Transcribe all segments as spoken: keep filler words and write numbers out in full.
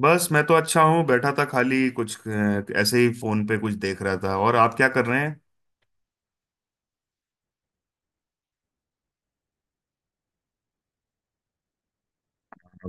बस मैं तो अच्छा हूँ, बैठा था। खाली कुछ अ, ऐसे ही फोन पे कुछ देख रहा था। और आप क्या कर रहे हैं?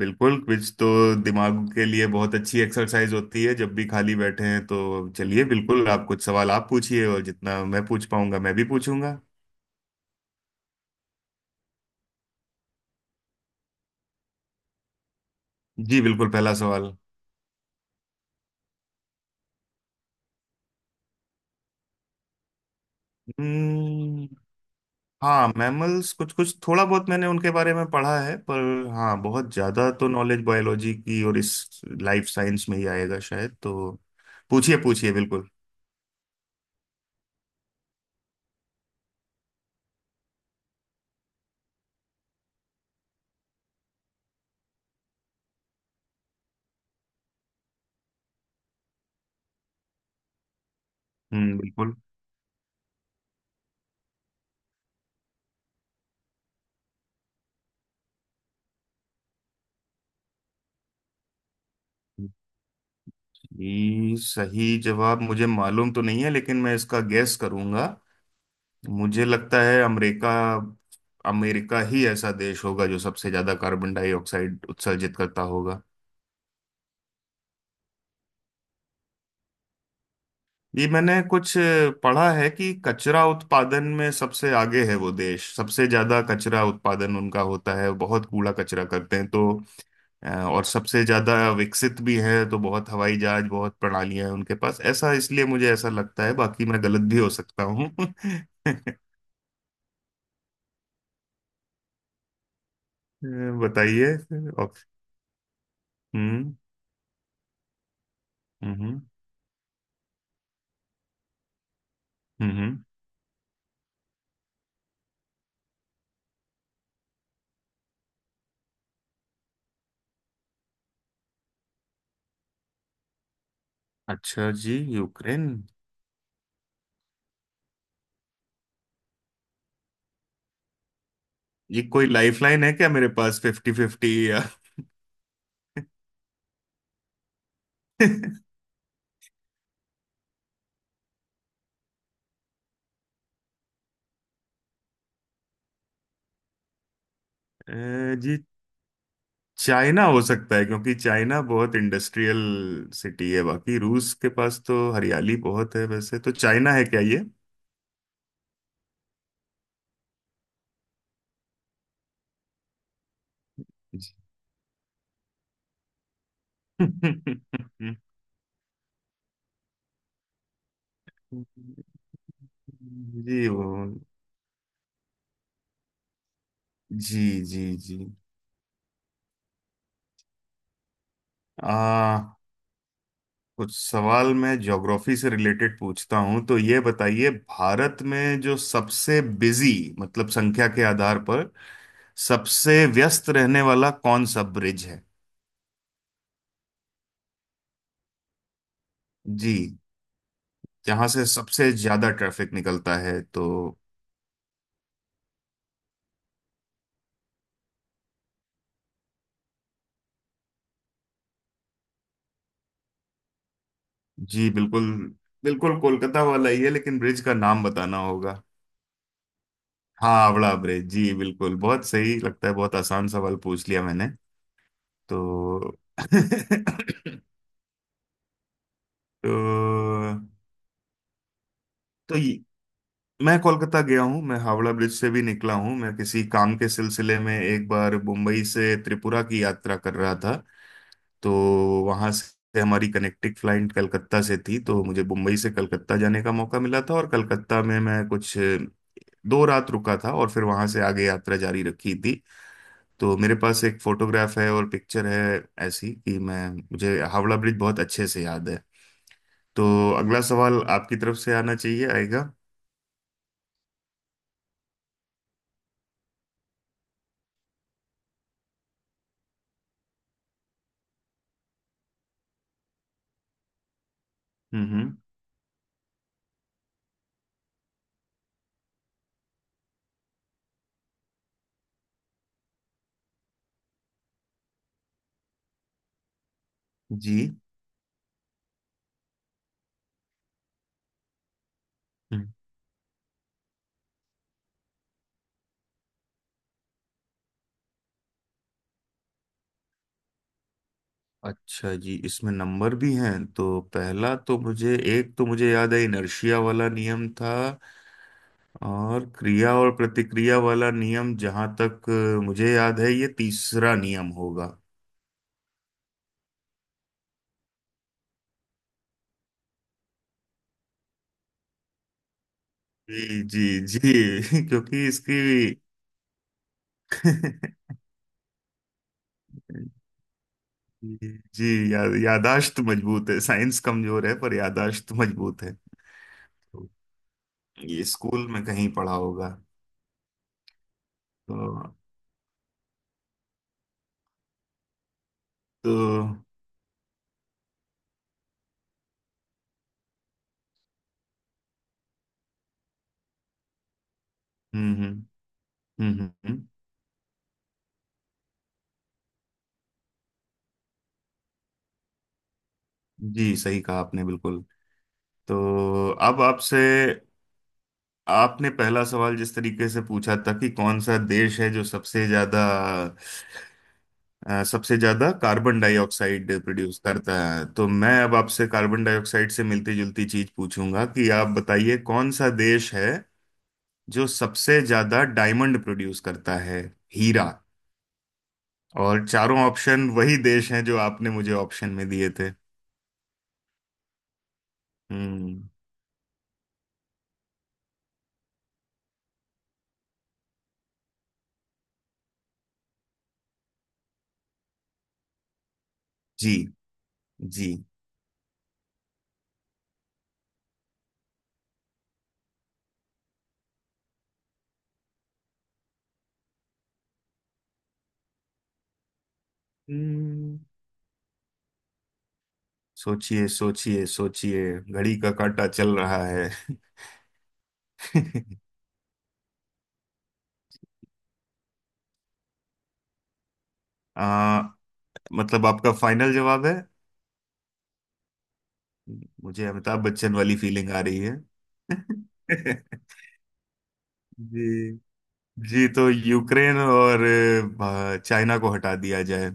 बिल्कुल, कुछ तो दिमाग के लिए बहुत अच्छी एक्सरसाइज होती है जब भी खाली बैठे हैं। तो चलिए, बिल्कुल, आप कुछ सवाल आप पूछिए, और जितना मैं पूछ पाऊंगा मैं भी पूछूंगा। जी बिल्कुल, पहला सवाल। हम्म। हाँ, मैमल्स कुछ कुछ थोड़ा बहुत मैंने उनके बारे में पढ़ा है, पर हाँ, बहुत ज्यादा तो नॉलेज बायोलॉजी की और इस लाइफ साइंस में ही आएगा शायद। तो पूछिए पूछिए, बिल्कुल। हम्म, बिल्कुल। ये सही जवाब मुझे मालूम तो नहीं है, लेकिन मैं इसका गैस करूंगा। मुझे लगता है अमेरिका। अमेरिका ही ऐसा देश होगा जो सबसे ज्यादा कार्बन डाइऑक्साइड उत्सर्जित करता होगा। ये मैंने कुछ पढ़ा है कि कचरा उत्पादन में सबसे आगे है वो देश। सबसे ज्यादा कचरा उत्पादन उनका होता है, बहुत कूड़ा कचरा करते हैं, तो अ, और सबसे ज्यादा विकसित भी है, तो बहुत हवाई जहाज, बहुत प्रणालियां हैं उनके पास। ऐसा इसलिए मुझे ऐसा लगता है, बाकी मैं गलत भी हो सकता हूँ। बताइए। और- हम्म। हम्म। हम्म। अच्छा जी, यूक्रेन। ये कोई लाइफलाइन है क्या मेरे पास, फिफ्टी फिफ्टी या? अ, जी। चाइना हो सकता है, क्योंकि चाइना बहुत इंडस्ट्रियल सिटी है। बाकी रूस के पास तो हरियाली बहुत है। वैसे तो चाइना है क्या ये? जी वो। जी जी जी। आ कुछ सवाल मैं ज्योग्राफी से रिलेटेड पूछता हूँ। तो ये बताइए, भारत में जो सबसे बिजी, मतलब संख्या के आधार पर सबसे व्यस्त रहने वाला कौन सा ब्रिज है? जी, जहां से सबसे ज्यादा ट्रैफिक निकलता है। तो जी बिल्कुल, बिल्कुल कोलकाता वाला ही है, लेकिन ब्रिज का नाम बताना होगा। हाँ, हावड़ा ब्रिज, जी बिल्कुल, बहुत सही। लगता है बहुत आसान सवाल पूछ लिया मैंने। तो तो तो ये- मैं कोलकाता गया हूँ, मैं हावड़ा ब्रिज से भी निकला हूँ। मैं किसी काम के सिलसिले में एक बार मुंबई से त्रिपुरा की यात्रा कर रहा था, तो वहां से हमारी कनेक्टिंग फ्लाइट कलकत्ता से थी। तो मुझे मुंबई से कलकत्ता जाने का मौका मिला था, और कलकत्ता में मैं कुछ दो रात रुका था और फिर वहां से आगे यात्रा जारी रखी थी। तो मेरे पास एक फोटोग्राफ है और पिक्चर है ऐसी, कि मैं मुझे हावड़ा ब्रिज बहुत अच्छे से याद है। तो अगला सवाल आपकी तरफ से आना चाहिए, आएगा। हम्म हम्म। जी। हम्म। अच्छा जी, इसमें नंबर भी हैं, तो पहला तो मुझे, एक तो मुझे याद है इनर्शिया वाला नियम था। और क्रिया और प्रतिक्रिया वाला नियम, जहां तक अ, मुझे याद है, ये तीसरा नियम होगा। जी जी जी क्योंकि इसकी जी जी, या, यादाश्त मजबूत है, साइंस कमजोर है, पर यादाश्त मजबूत है। तो ये स्कूल में कहीं पढ़ा होगा। तो तो हम्म हम्म हम्म हम्म, हम्म। जी सही कहा आपने, बिल्कुल। तो अब आपसे, आपने पहला सवाल जिस तरीके से पूछा था कि कौन सा देश है जो सबसे ज्यादा, अ, सबसे ज्यादा कार्बन डाइऑक्साइड प्रोड्यूस करता है, तो मैं अब आपसे कार्बन डाइऑक्साइड से मिलती जुलती चीज पूछूंगा कि आप बताइए कौन सा देश है जो सबसे ज्यादा डायमंड प्रोड्यूस करता है, हीरा। और चारों ऑप्शन वही देश हैं जो आपने मुझे ऑप्शन में दिए थे। हम्म। जी जी। हम्म। सोचिए सोचिए सोचिए, घड़ी का काटा चल रहा है। आ, मतलब आपका फाइनल जवाब है? मुझे अमिताभ बच्चन वाली फीलिंग आ रही है। जी। जी, तो यूक्रेन और भा- चाइना को हटा दिया जाए।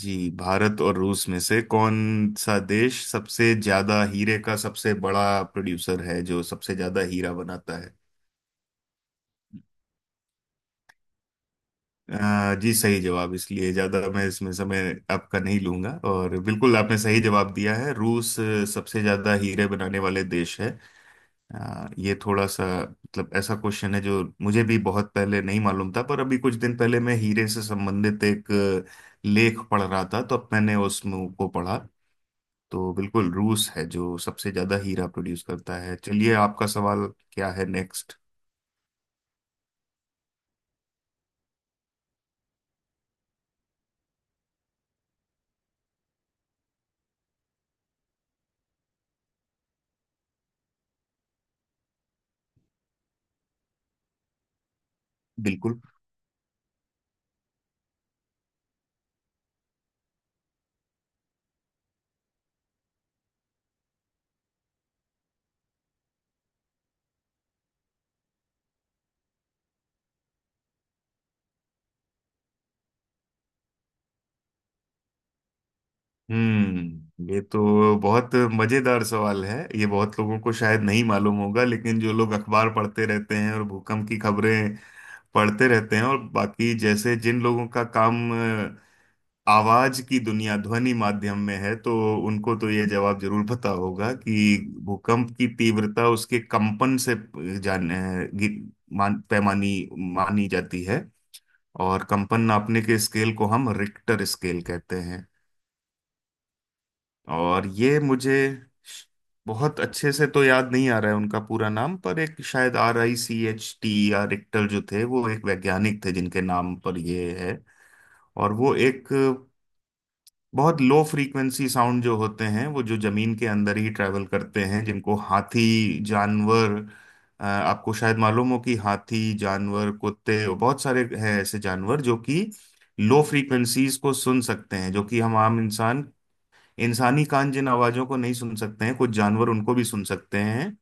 जी, भारत और रूस में से कौन सा देश सबसे ज्यादा हीरे का सबसे बड़ा प्रोड्यूसर है, जो सबसे ज्यादा हीरा बनाता है? अ, जी सही जवाब, इसलिए ज्यादा मैं इसमें समय आपका नहीं लूंगा, और बिल्कुल आपने सही जवाब दिया है, रूस अ, सबसे ज्यादा हीरे बनाने वाले देश है। यार, ये थोड़ा सा, मतलब ऐसा क्वेश्चन है जो मुझे भी बहुत पहले नहीं मालूम था, पर अभी कुछ दिन पहले मैं हीरे से संबंधित एक लेख पढ़ रहा था, तो अब मैंने उसको पढ़ा। तो बिल्कुल रूस है जो सबसे ज्यादा हीरा प्रोड्यूस करता है। चलिए, आपका सवाल क्या है नेक्स्ट? बिल्कुल। हम्म, ये तो बहुत मजेदार सवाल है, ये बहुत लोगों को शायद नहीं मालूम होगा। लेकिन जो लोग अखबार पढ़ते रहते हैं और भूकंप की खबरें पढ़ते रहते हैं, और बाकी जैसे जिन लोगों का काम आवाज की दुनिया, ध्वनि माध्यम में है, तो उनको तो ये जवाब जरूर पता होगा कि भूकंप की तीव्रता उसके कंपन से जान गि- मान, पैमानी मानी जाती है। और कंपन नापने के स्केल को हम रिक्टर स्केल कहते हैं। और ये मुझे श- बहुत अच्छे से तो याद नहीं आ रहा है उनका पूरा नाम, पर एक शायद R I C H T, या रिक्टर जो थे, वो एक वैज्ञानिक थे जिनके नाम पर ये है। और वो एक बहुत लो फ्रीक्वेंसी साउंड जो होते हैं, वो जो जमीन के अंदर ही ट्रैवल करते हैं, जिनको हाथी जानवर, अ, आपको शायद मालूम हो कि हाथी जानवर, कुत्ते, और बहुत सारे हैं ऐसे जानवर जो कि लो फ्रीक्वेंसीज को सुन सकते हैं, जो कि हम आम इंसान, इंसानी कान जिन आवाजों को नहीं सुन सकते हैं, कुछ जानवर उनको भी सुन सकते हैं।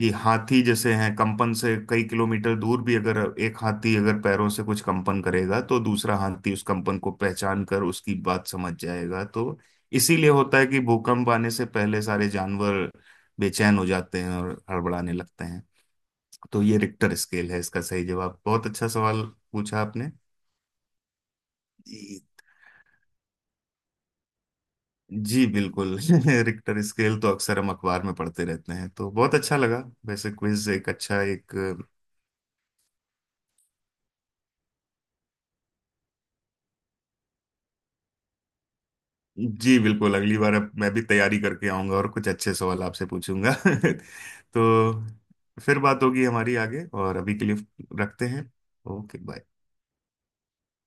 कि हाथी जैसे हैं, कंपन से कई किलोमीटर दूर भी, अगर एक हाथी अगर पैरों से कुछ कंपन करेगा, तो दूसरा हाथी उस कंपन को पहचान कर उसकी बात समझ जाएगा। तो इसीलिए होता है कि भूकंप आने से पहले सारे जानवर बेचैन हो जाते हैं और हड़बड़ाने लगते हैं। तो ये रिक्टर स्केल है, इसका सही जवाब, बहुत अच्छा सवाल पूछा आपने। जी जी, बिल्कुल। रिक्टर स्केल तो अक्सर हम अखबार में पढ़ते रहते हैं, तो बहुत अच्छा लगा। वैसे क्विज एक अच्छा एक, जी बिल्कुल, अगली बार अब मैं भी तैयारी करके आऊंगा और कुछ अच्छे सवाल आपसे पूछूंगा। तो फिर बात होगी हमारी आगे, और अभी के लिए रखते हैं। Okay bye.